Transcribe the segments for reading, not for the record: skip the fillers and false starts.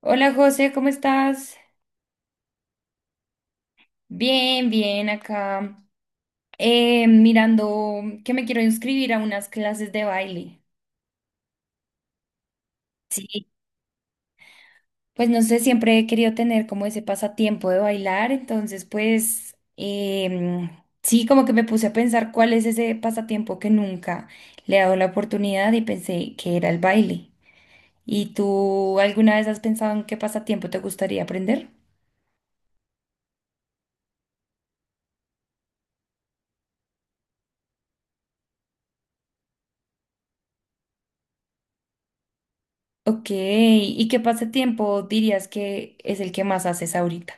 Hola José, ¿cómo estás? Bien, bien, acá mirando que me quiero inscribir a unas clases de baile. Sí. Pues no sé, siempre he querido tener como ese pasatiempo de bailar, entonces pues, sí, como que me puse a pensar cuál es ese pasatiempo que nunca le he dado la oportunidad y pensé que era el baile. ¿Y tú alguna vez has pensado en qué pasatiempo te gustaría aprender? Ok, ¿y qué pasatiempo dirías que es el que más haces ahorita?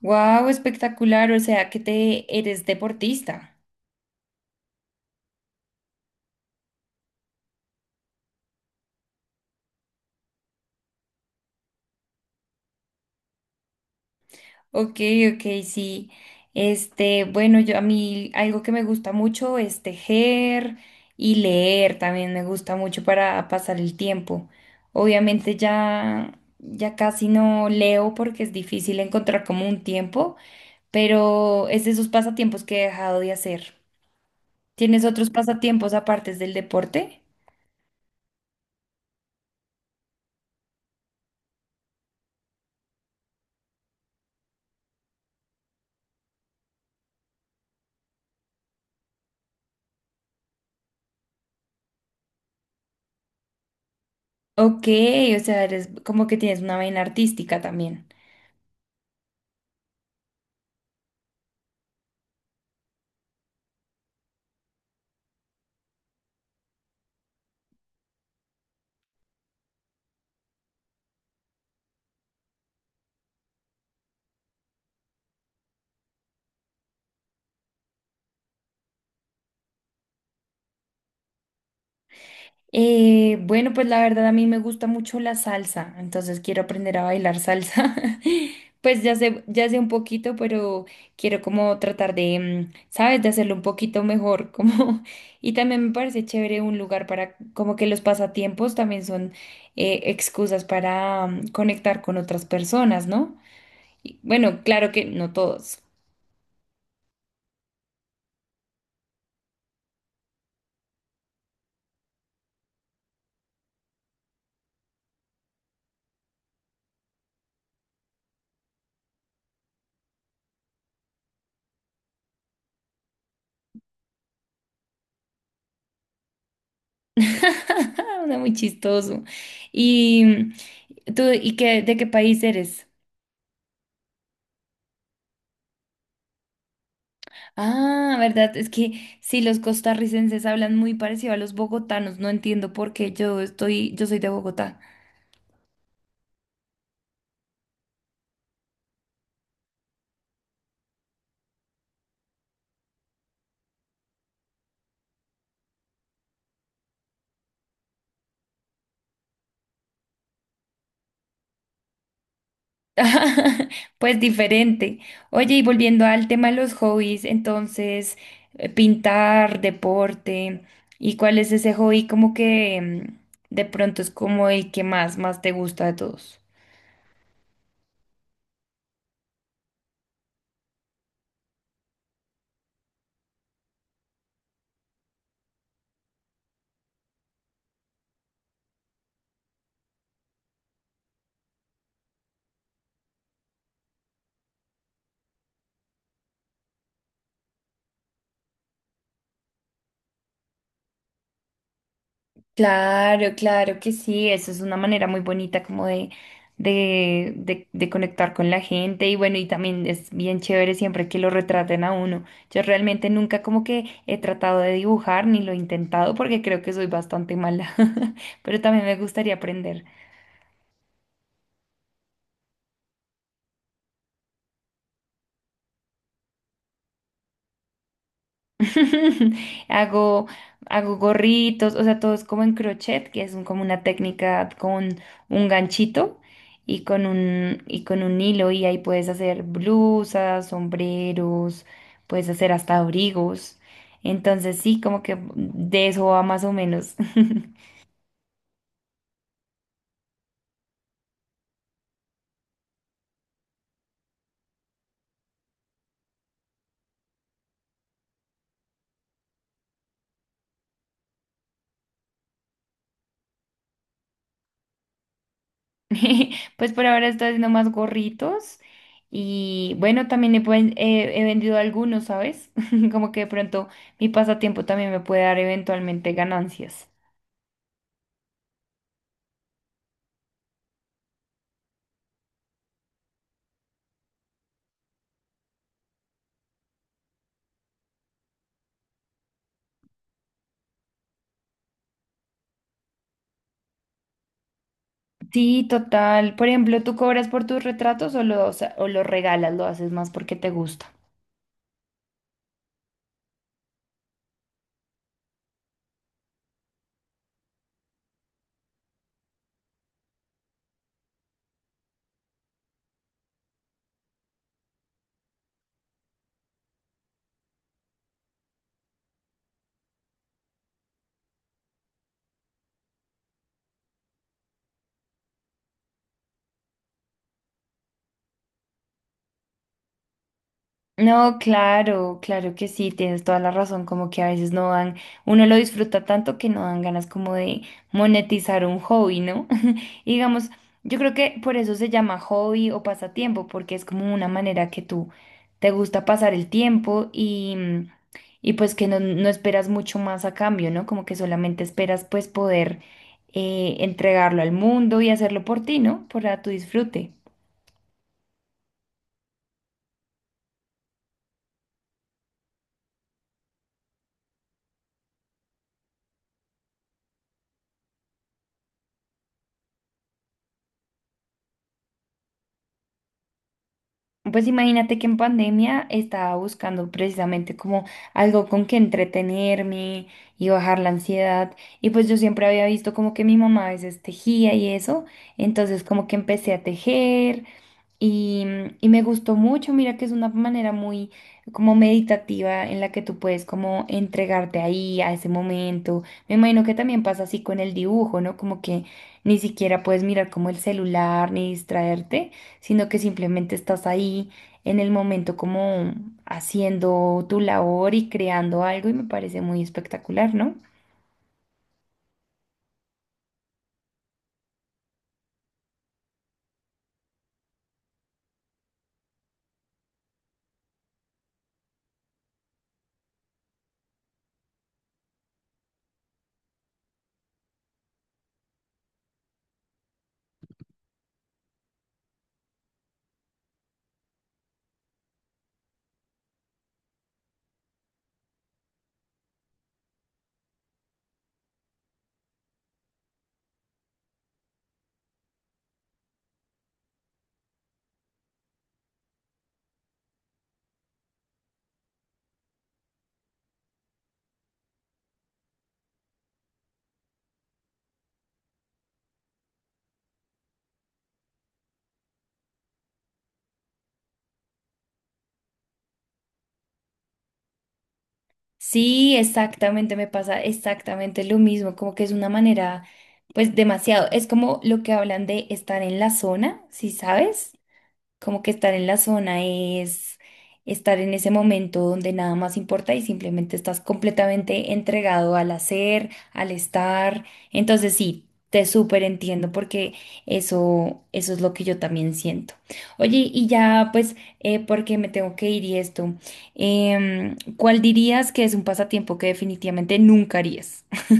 Wow, espectacular, o sea que te eres deportista. Ok, ok, sí. Este, bueno, yo a mí algo que me gusta mucho es tejer y leer, también me gusta mucho para pasar el tiempo. Obviamente ya casi no leo porque es difícil encontrar como un tiempo, pero es de esos pasatiempos que he dejado de hacer. ¿Tienes otros pasatiempos aparte del deporte? Ok, o sea, eres como que tienes una vaina artística también. Bueno, pues la verdad a mí me gusta mucho la salsa, entonces quiero aprender a bailar salsa. Pues ya sé un poquito, pero quiero como tratar de, ¿sabes? De hacerlo un poquito mejor, como... Y también me parece chévere un lugar para, como que los pasatiempos también son excusas para conectar con otras personas, ¿no? Y, bueno, claro que no todos. Una muy chistoso. ¿Y tú, y qué, de qué país eres? Ah, verdad, es que sí, los costarricenses hablan muy parecido a los bogotanos, no entiendo por qué yo estoy, yo soy de Bogotá. Pues diferente. Oye, y volviendo al tema de los hobbies, entonces, pintar, deporte, ¿y cuál es ese hobby como que de pronto es como el que más, más te gusta de todos? Claro, claro que sí, eso es una manera muy bonita como de, de conectar con la gente y bueno, y también es bien chévere siempre que lo retraten a uno. Yo realmente nunca como que he tratado de dibujar ni lo he intentado porque creo que soy bastante mala, pero también me gustaría aprender. Hago, Hago gorritos, o sea, todo es como en crochet, que es como una técnica con un ganchito y con un hilo, y ahí puedes hacer blusas, sombreros, puedes hacer hasta abrigos. Entonces, sí, como que de eso va más o menos. Pues por ahora estoy haciendo más gorritos y bueno, también he vendido algunos, ¿sabes? Como que de pronto mi pasatiempo también me puede dar eventualmente ganancias. Sí, total. Por ejemplo, ¿tú cobras por tus retratos o o los regalas? ¿Lo haces más porque te gusta? No, claro, claro que sí, tienes toda la razón, como que a veces no dan, uno lo disfruta tanto que no dan ganas como de monetizar un hobby, ¿no? Y digamos, yo creo que por eso se llama hobby o pasatiempo, porque es como una manera que tú te gusta pasar el tiempo y pues que no, no esperas mucho más a cambio, ¿no? Como que solamente esperas pues poder entregarlo al mundo y hacerlo por ti, ¿no? Para tu disfrute. Pues imagínate que en pandemia estaba buscando precisamente como algo con que entretenerme y bajar la ansiedad. Y pues yo siempre había visto como que mi mamá a veces tejía y eso. Entonces como que empecé a tejer y, y me gustó mucho, mira que es una manera muy como meditativa en la que tú puedes como entregarte ahí a ese momento. Me imagino que también pasa así con el dibujo, ¿no? Como que ni siquiera puedes mirar como el celular ni distraerte, sino que simplemente estás ahí en el momento como haciendo tu labor y creando algo y me parece muy espectacular, ¿no? Sí, exactamente, me pasa exactamente lo mismo, como que es una manera, pues demasiado, es como lo que hablan de estar en la zona, ¿si sabes? Como que estar en la zona es estar en ese momento donde nada más importa y simplemente estás completamente entregado al hacer, al estar. Entonces sí, te súper entiendo porque eso es lo que yo también siento. Oye, y ya pues, porque me tengo que ir y esto, ¿cuál dirías que es un pasatiempo que definitivamente nunca harías?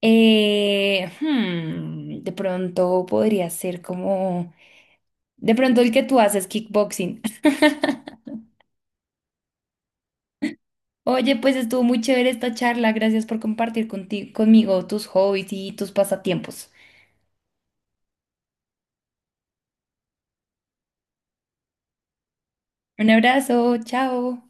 De pronto podría ser como... De pronto el que tú haces kickboxing. Oye, pues estuvo muy chévere esta charla. Gracias por compartir conmigo tus hobbies y tus pasatiempos. Un abrazo, chao.